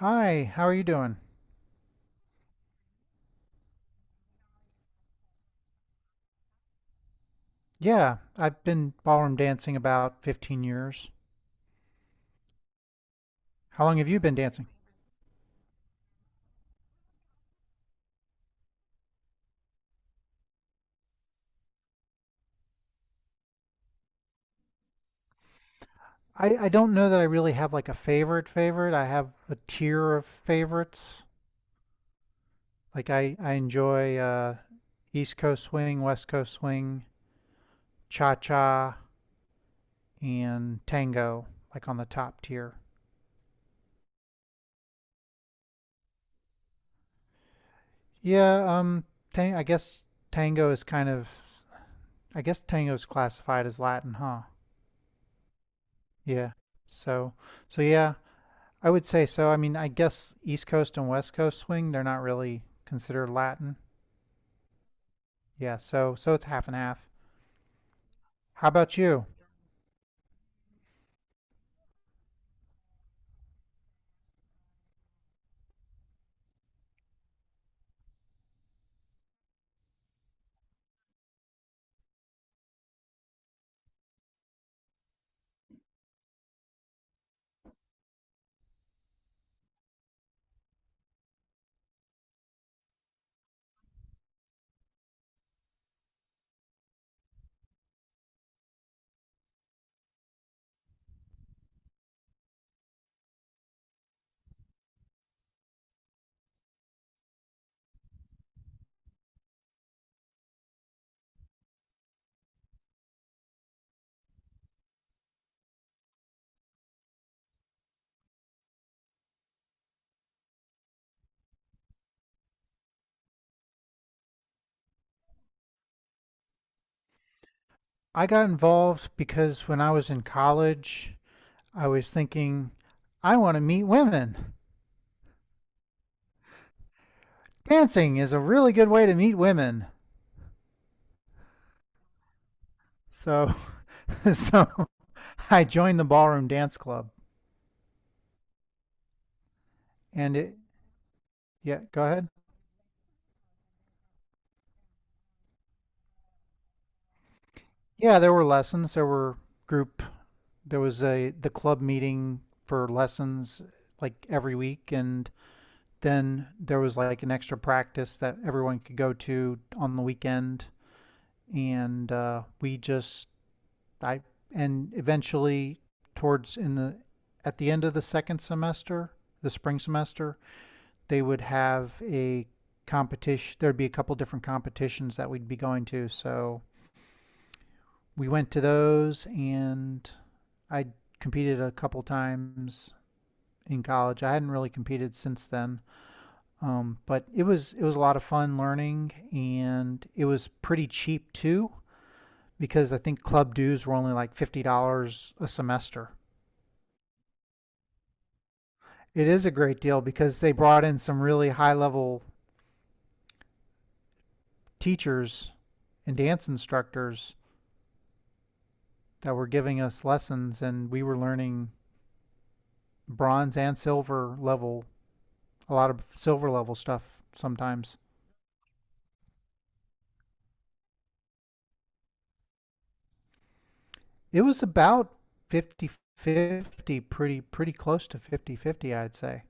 Hi, how are you doing? Yeah, I've been ballroom dancing about 15 years. How long have you been dancing? I don't know that I really have like a favorite favorite. I have a tier of favorites. Like I enjoy East Coast swing, West Coast swing, cha-cha, and tango, like on the top tier. Yeah, tang I guess tango is kind of, I guess tango is classified as Latin, huh? Yeah. So, so yeah, I would say so. I mean, I guess East Coast and West Coast swing, they're not really considered Latin. Yeah, so it's half and half. How about you? I got involved because when I was in college, I was thinking I want to meet women. Dancing is a really good way to meet women. So so I joined the ballroom dance club and it yeah, go ahead. Yeah, there were lessons, there were group there was a the club meeting for lessons like every week, and then there was like an extra practice that everyone could go to on the weekend and we just I and eventually towards in the at the end of the second semester, the spring semester, they would have a competition there'd be a couple different competitions that we'd be going to, so we went to those and I competed a couple times in college. I hadn't really competed since then, but it was a lot of fun learning, and it was pretty cheap too because I think club dues were only like $50 a semester. It is a great deal because they brought in some really high level teachers and dance instructors that were giving us lessons, and we were learning bronze and silver level, a lot of silver level stuff sometimes. It was about 50-50, pretty close to 5050, I'd say.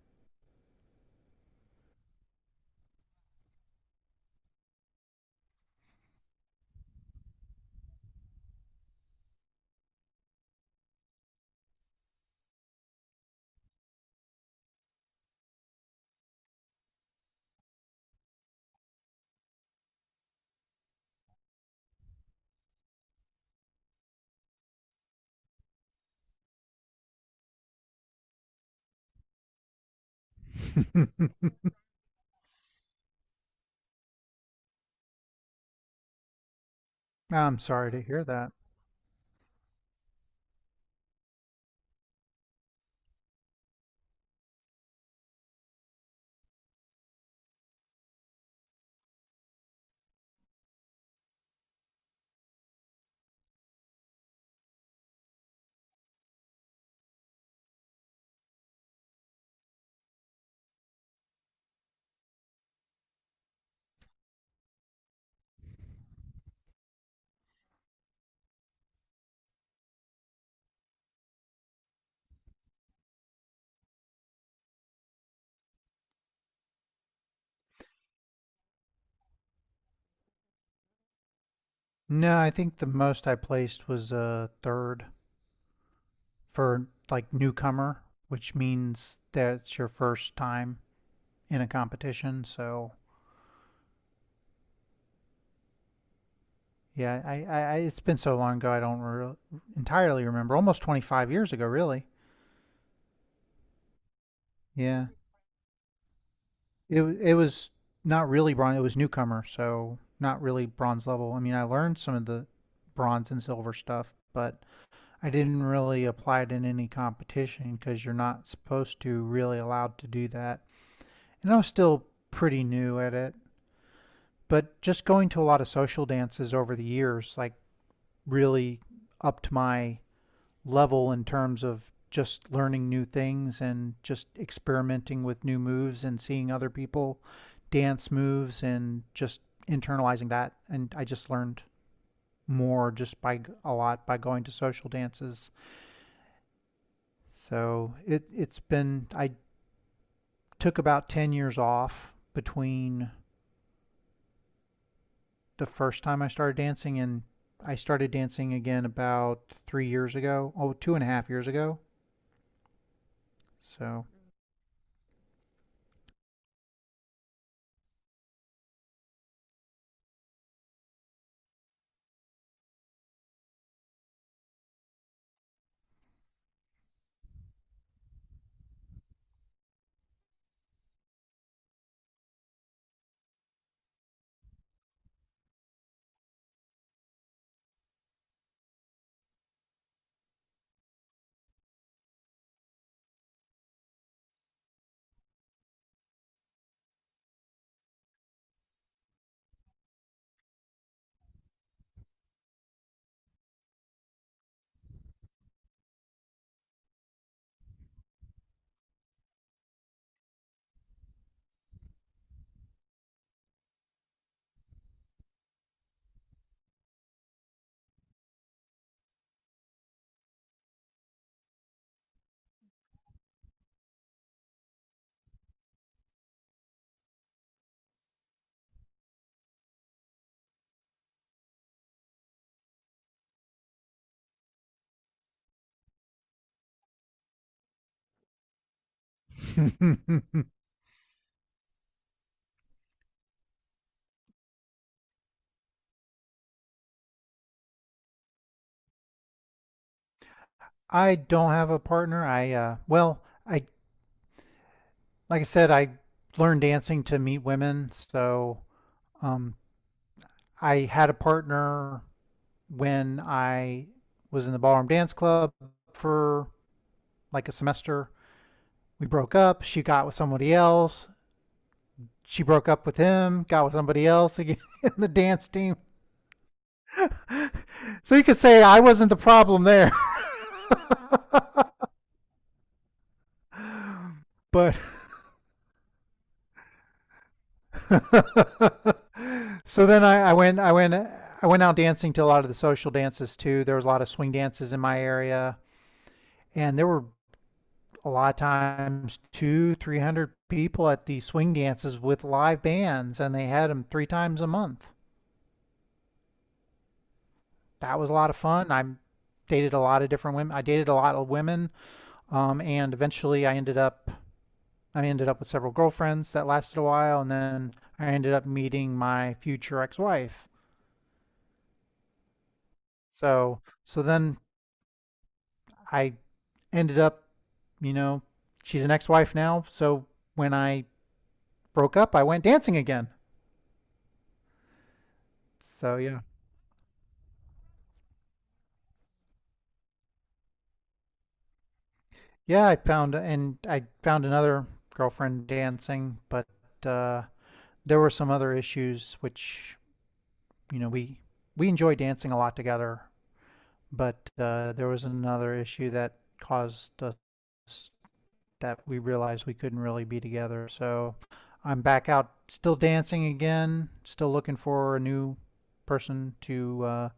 I'm sorry to hear that. No, I think the most I placed was a third for like newcomer, which means that's your first time in a competition. So yeah, it's been so long ago I don't entirely remember. Almost 25 years ago, really. Yeah. It was not really bronze. It was newcomer, so not really bronze level. I mean, I learned some of the bronze and silver stuff, but I didn't really apply it in any competition because you're not supposed to really allowed to do that. And I was still pretty new at it, but just going to a lot of social dances over the years, like really upped my level in terms of just learning new things and just experimenting with new moves and seeing other people dance moves and just internalizing that. And I just learned more just by a lot by going to social dances. So it it's been I took about 10 years off between the first time I started dancing and I started dancing again about 3 years ago. Oh, two and a half years ago. So I don't have a partner. I well, I like I said, I learned dancing to meet women, so um I had a partner when I was in the ballroom dance club for like a semester. We broke up, she got with somebody else. She broke up with him, got with somebody else again in the dance team. So you could say I wasn't the problem there. But so then, I went out dancing to a lot of the social dances too. There was a lot of swing dances in my area, and there were a lot of times two, 300 people at these swing dances with live bands, and they had them 3 times a month. That was a lot of fun. I dated a lot of different women. I dated a lot of women, and eventually I ended up with several girlfriends that lasted a while, and then I ended up meeting my future ex-wife. So then I ended up, you know, she's an ex wife now. So when I broke up, I went dancing again. So yeah. Yeah, I found another girlfriend dancing, but uh, there were some other issues which, you know, we enjoy dancing a lot together, but there was another issue that caused us that we realized we couldn't really be together. So I'm back out, still dancing again, still looking for a new person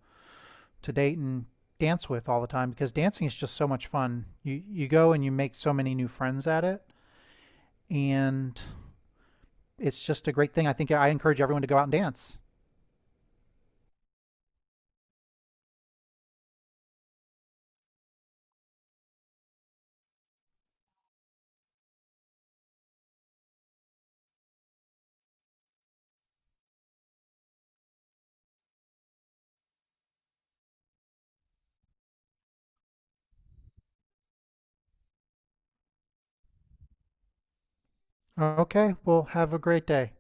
to date and dance with all the time because dancing is just so much fun. You go and you make so many new friends at it, and it's just a great thing. I think I encourage everyone to go out and dance. Okay, well, have a great day.